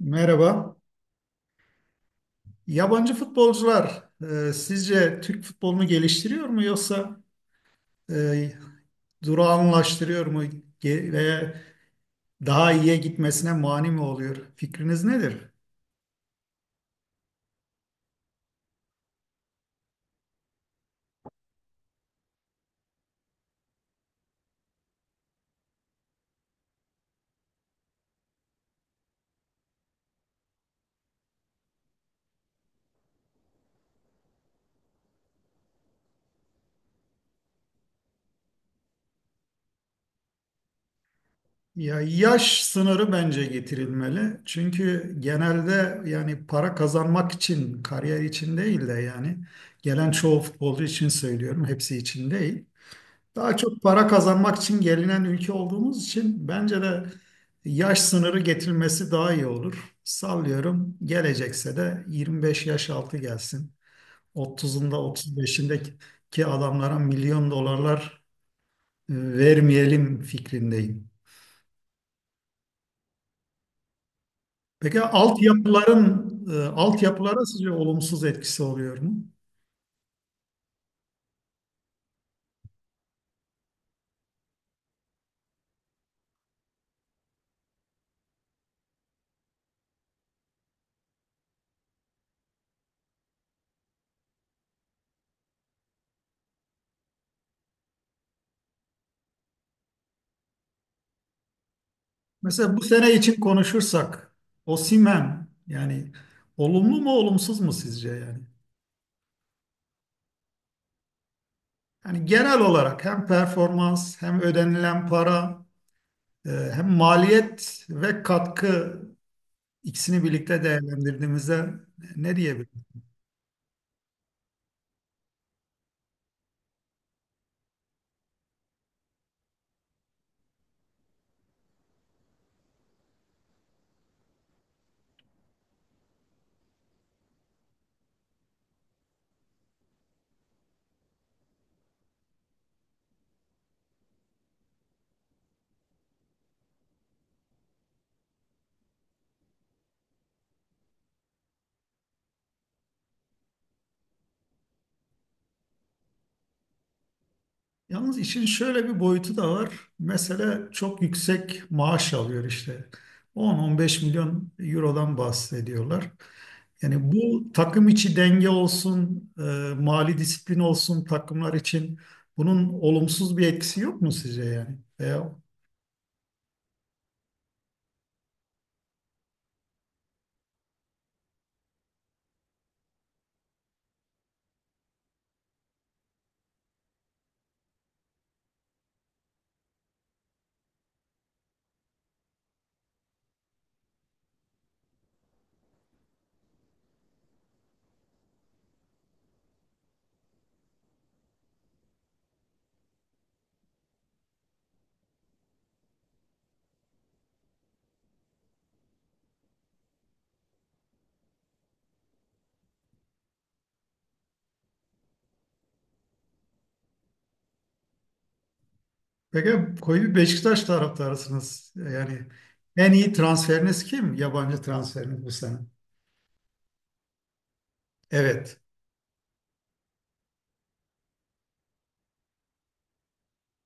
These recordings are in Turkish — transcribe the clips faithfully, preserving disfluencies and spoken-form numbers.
Merhaba. Yabancı futbolcular e, sizce Türk futbolunu geliştiriyor mu yoksa e, durağanlaştırıyor mu Ge- veya daha iyiye gitmesine mani mi oluyor? Fikriniz nedir? Ya yaş sınırı bence getirilmeli. Çünkü genelde yani para kazanmak için, kariyer için değil de yani gelen çoğu futbolcu için söylüyorum, hepsi için değil. Daha çok para kazanmak için gelinen ülke olduğumuz için bence de yaş sınırı getirilmesi daha iyi olur. Sallıyorum gelecekse de yirmi beş yaş altı gelsin. otuzunda otuz beşindeki adamlara milyon dolarlar e, vermeyelim fikrindeyim. Peki altyapıların, e, altyapılara sizce olumsuz etkisi oluyor mu? Mesela bu sene için konuşursak Osimhen yani olumlu mu olumsuz mu sizce yani? Yani genel olarak hem performans hem ödenilen para e, hem maliyet ve katkı ikisini birlikte değerlendirdiğimizde ne diyebilirim? Yalnız işin şöyle bir boyutu da var. Mesela çok yüksek maaş alıyor işte. on on beş milyon eurodan bahsediyorlar. Yani bu takım içi denge olsun, e, mali disiplin olsun takımlar için bunun olumsuz bir etkisi yok mu sizce yani? E, Peki koyu bir Beşiktaş taraftarısınız. Yani en iyi transferiniz kim? Yabancı transferiniz bu sene. Evet.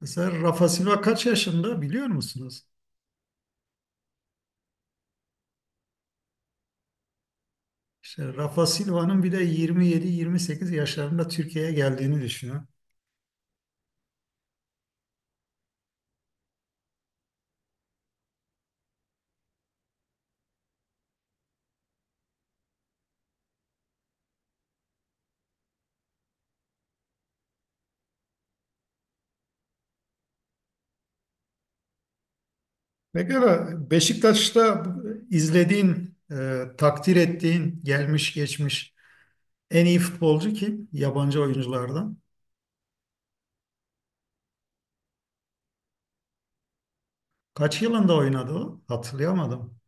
Mesela Rafa Silva kaç yaşında biliyor musunuz? İşte Rafa Silva'nın bir de yirmi yedi yirmi sekiz yaşlarında Türkiye'ye geldiğini düşünün. Peki Beşiktaş'ta izlediğin, e, takdir ettiğin, gelmiş geçmiş en iyi futbolcu kim? Yabancı oyunculardan. Kaç yılında oynadı o? Hatırlayamadım.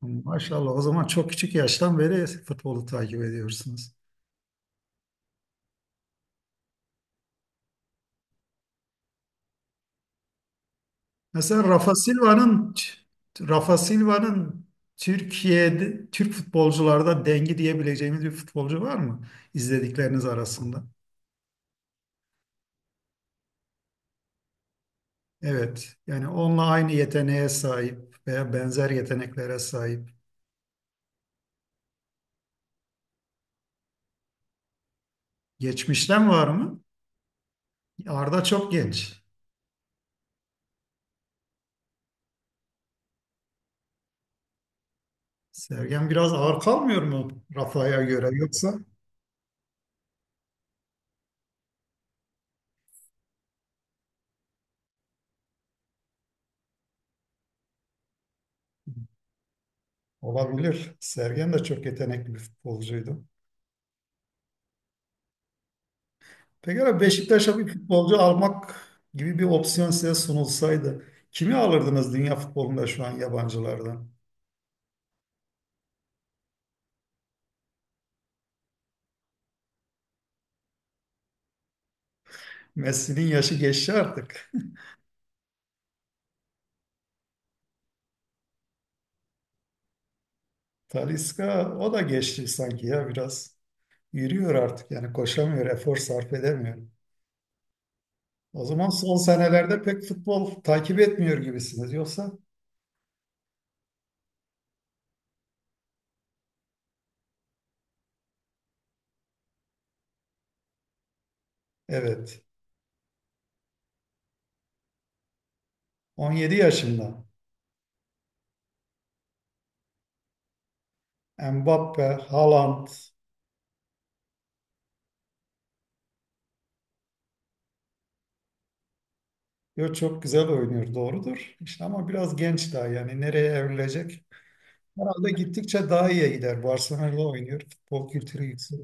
Maşallah o zaman çok küçük yaştan beri futbolu takip ediyorsunuz. Mesela Rafa Silva'nın Rafa Silva'nın Türkiye'de Türk futbolcularda dengi diyebileceğimiz bir futbolcu var mı izledikleriniz arasında? Evet. Yani onunla aynı yeteneğe sahip veya benzer yeteneklere sahip. Geçmişten var mı? Arda çok genç. Sergen biraz ağır kalmıyor mu Rafa'ya göre yoksa? Olabilir. Sergen de çok yetenekli bir futbolcuydu. Peki abi Beşiktaş'a bir futbolcu almak gibi bir opsiyon size sunulsaydı kimi alırdınız dünya futbolunda şu an yabancılardan? Messi'nin yaşı geçti artık. Talisca o da geçti sanki ya biraz. Yürüyor artık yani koşamıyor, efor sarf edemiyor. O zaman son senelerde pek futbol takip etmiyor gibisiniz. Yoksa evet, on yedi yaşında Mbappe, Haaland yo çok güzel oynuyor doğrudur. İşte ama biraz genç daha yani nereye evrilecek? Herhalde gittikçe daha iyiye gider. Barcelona'da oynuyor. Futbol kültürü yüksek.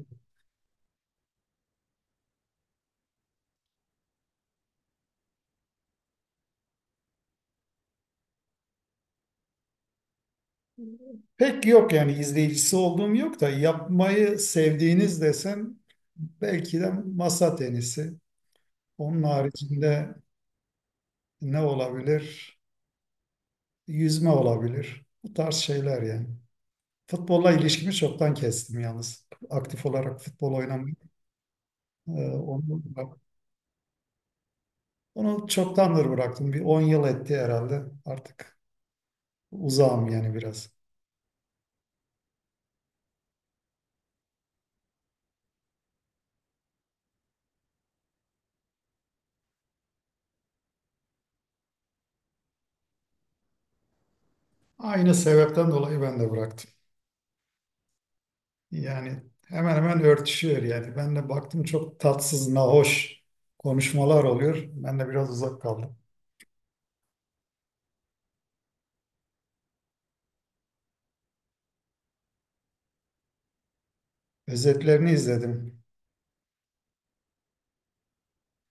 Pek yok yani izleyicisi olduğum yok da yapmayı sevdiğiniz desem belki de masa tenisi. Onun haricinde ne olabilir? Yüzme olabilir. Bu tarz şeyler yani. Futbolla ilişkimi çoktan kestim yalnız. Aktif olarak futbol oynamayı. e, Onu, onu çoktandır bıraktım. Bir on yıl etti herhalde. Artık uzağım yani biraz. Aynı sebepten dolayı ben de bıraktım. Yani hemen hemen örtüşüyor yani. Ben de baktım çok tatsız, nahoş konuşmalar oluyor. Ben de biraz uzak kaldım. Özetlerini izledim.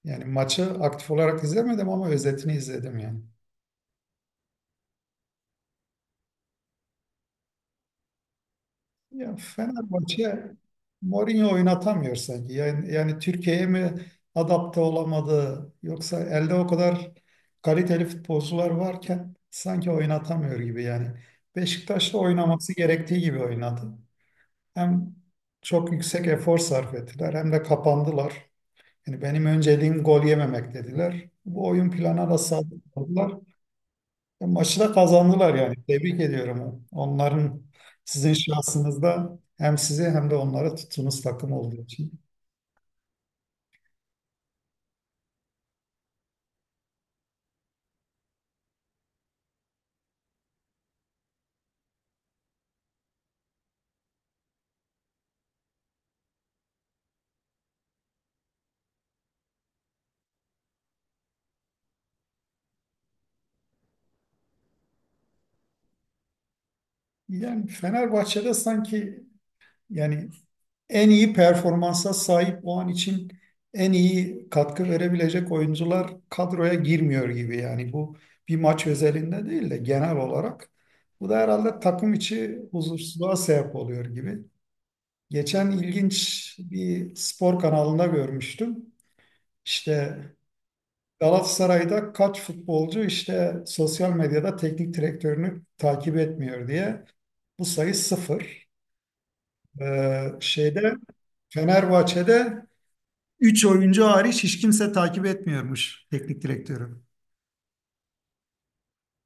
Yani maçı aktif olarak izlemedim ama özetini izledim yani. Ya Fenerbahçe Mourinho oynatamıyor sanki. Yani, yani Türkiye'ye mi adapte olamadı yoksa elde o kadar kaliteli futbolcular varken sanki oynatamıyor gibi yani. Beşiktaş'ta oynaması gerektiği gibi oynadı. Hem çok yüksek efor sarf ettiler hem de kapandılar. Yani benim önceliğim gol yememek dediler. Bu oyun planına da sadık kaldılar. E, Maçı da kazandılar yani. Tebrik ediyorum. Onların sizin şahsınızda hem sizi hem de onlara tuttuğunuz takım olduğu için. Yani Fenerbahçe'de sanki yani en iyi performansa sahip o an için en iyi katkı verebilecek oyuncular kadroya girmiyor gibi. Yani bu bir maç özelinde değil de genel olarak. Bu da herhalde takım içi huzursuzluğa sebep oluyor gibi. Geçen ilginç bir spor kanalında görmüştüm. İşte Galatasaray'da kaç futbolcu işte sosyal medyada teknik direktörünü takip etmiyor diye. Bu sayı sıfır. Ee, şeyde Fenerbahçe'de üç oyuncu hariç hiç kimse takip etmiyormuş teknik direktörü.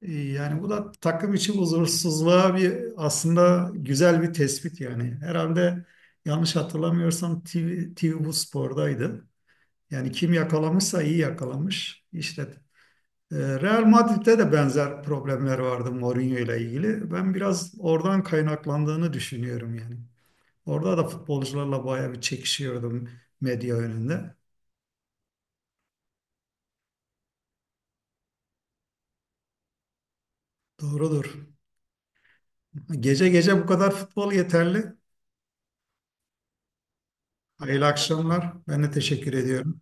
Ee, Yani bu da takım için huzursuzluğa bir aslında güzel bir tespit yani. Herhalde yanlış hatırlamıyorsam TV, T V bu spordaydı. Yani kim yakalamışsa iyi yakalamış. İşte e, Real Madrid'de de benzer problemler vardı Mourinho ile ilgili. Ben biraz oradan kaynaklandığını düşünüyorum yani. Orada da futbolcularla bayağı bir çekişiyordum medya önünde. Doğrudur. Gece gece bu kadar futbol yeterli. Hayırlı akşamlar. Ben de teşekkür ediyorum.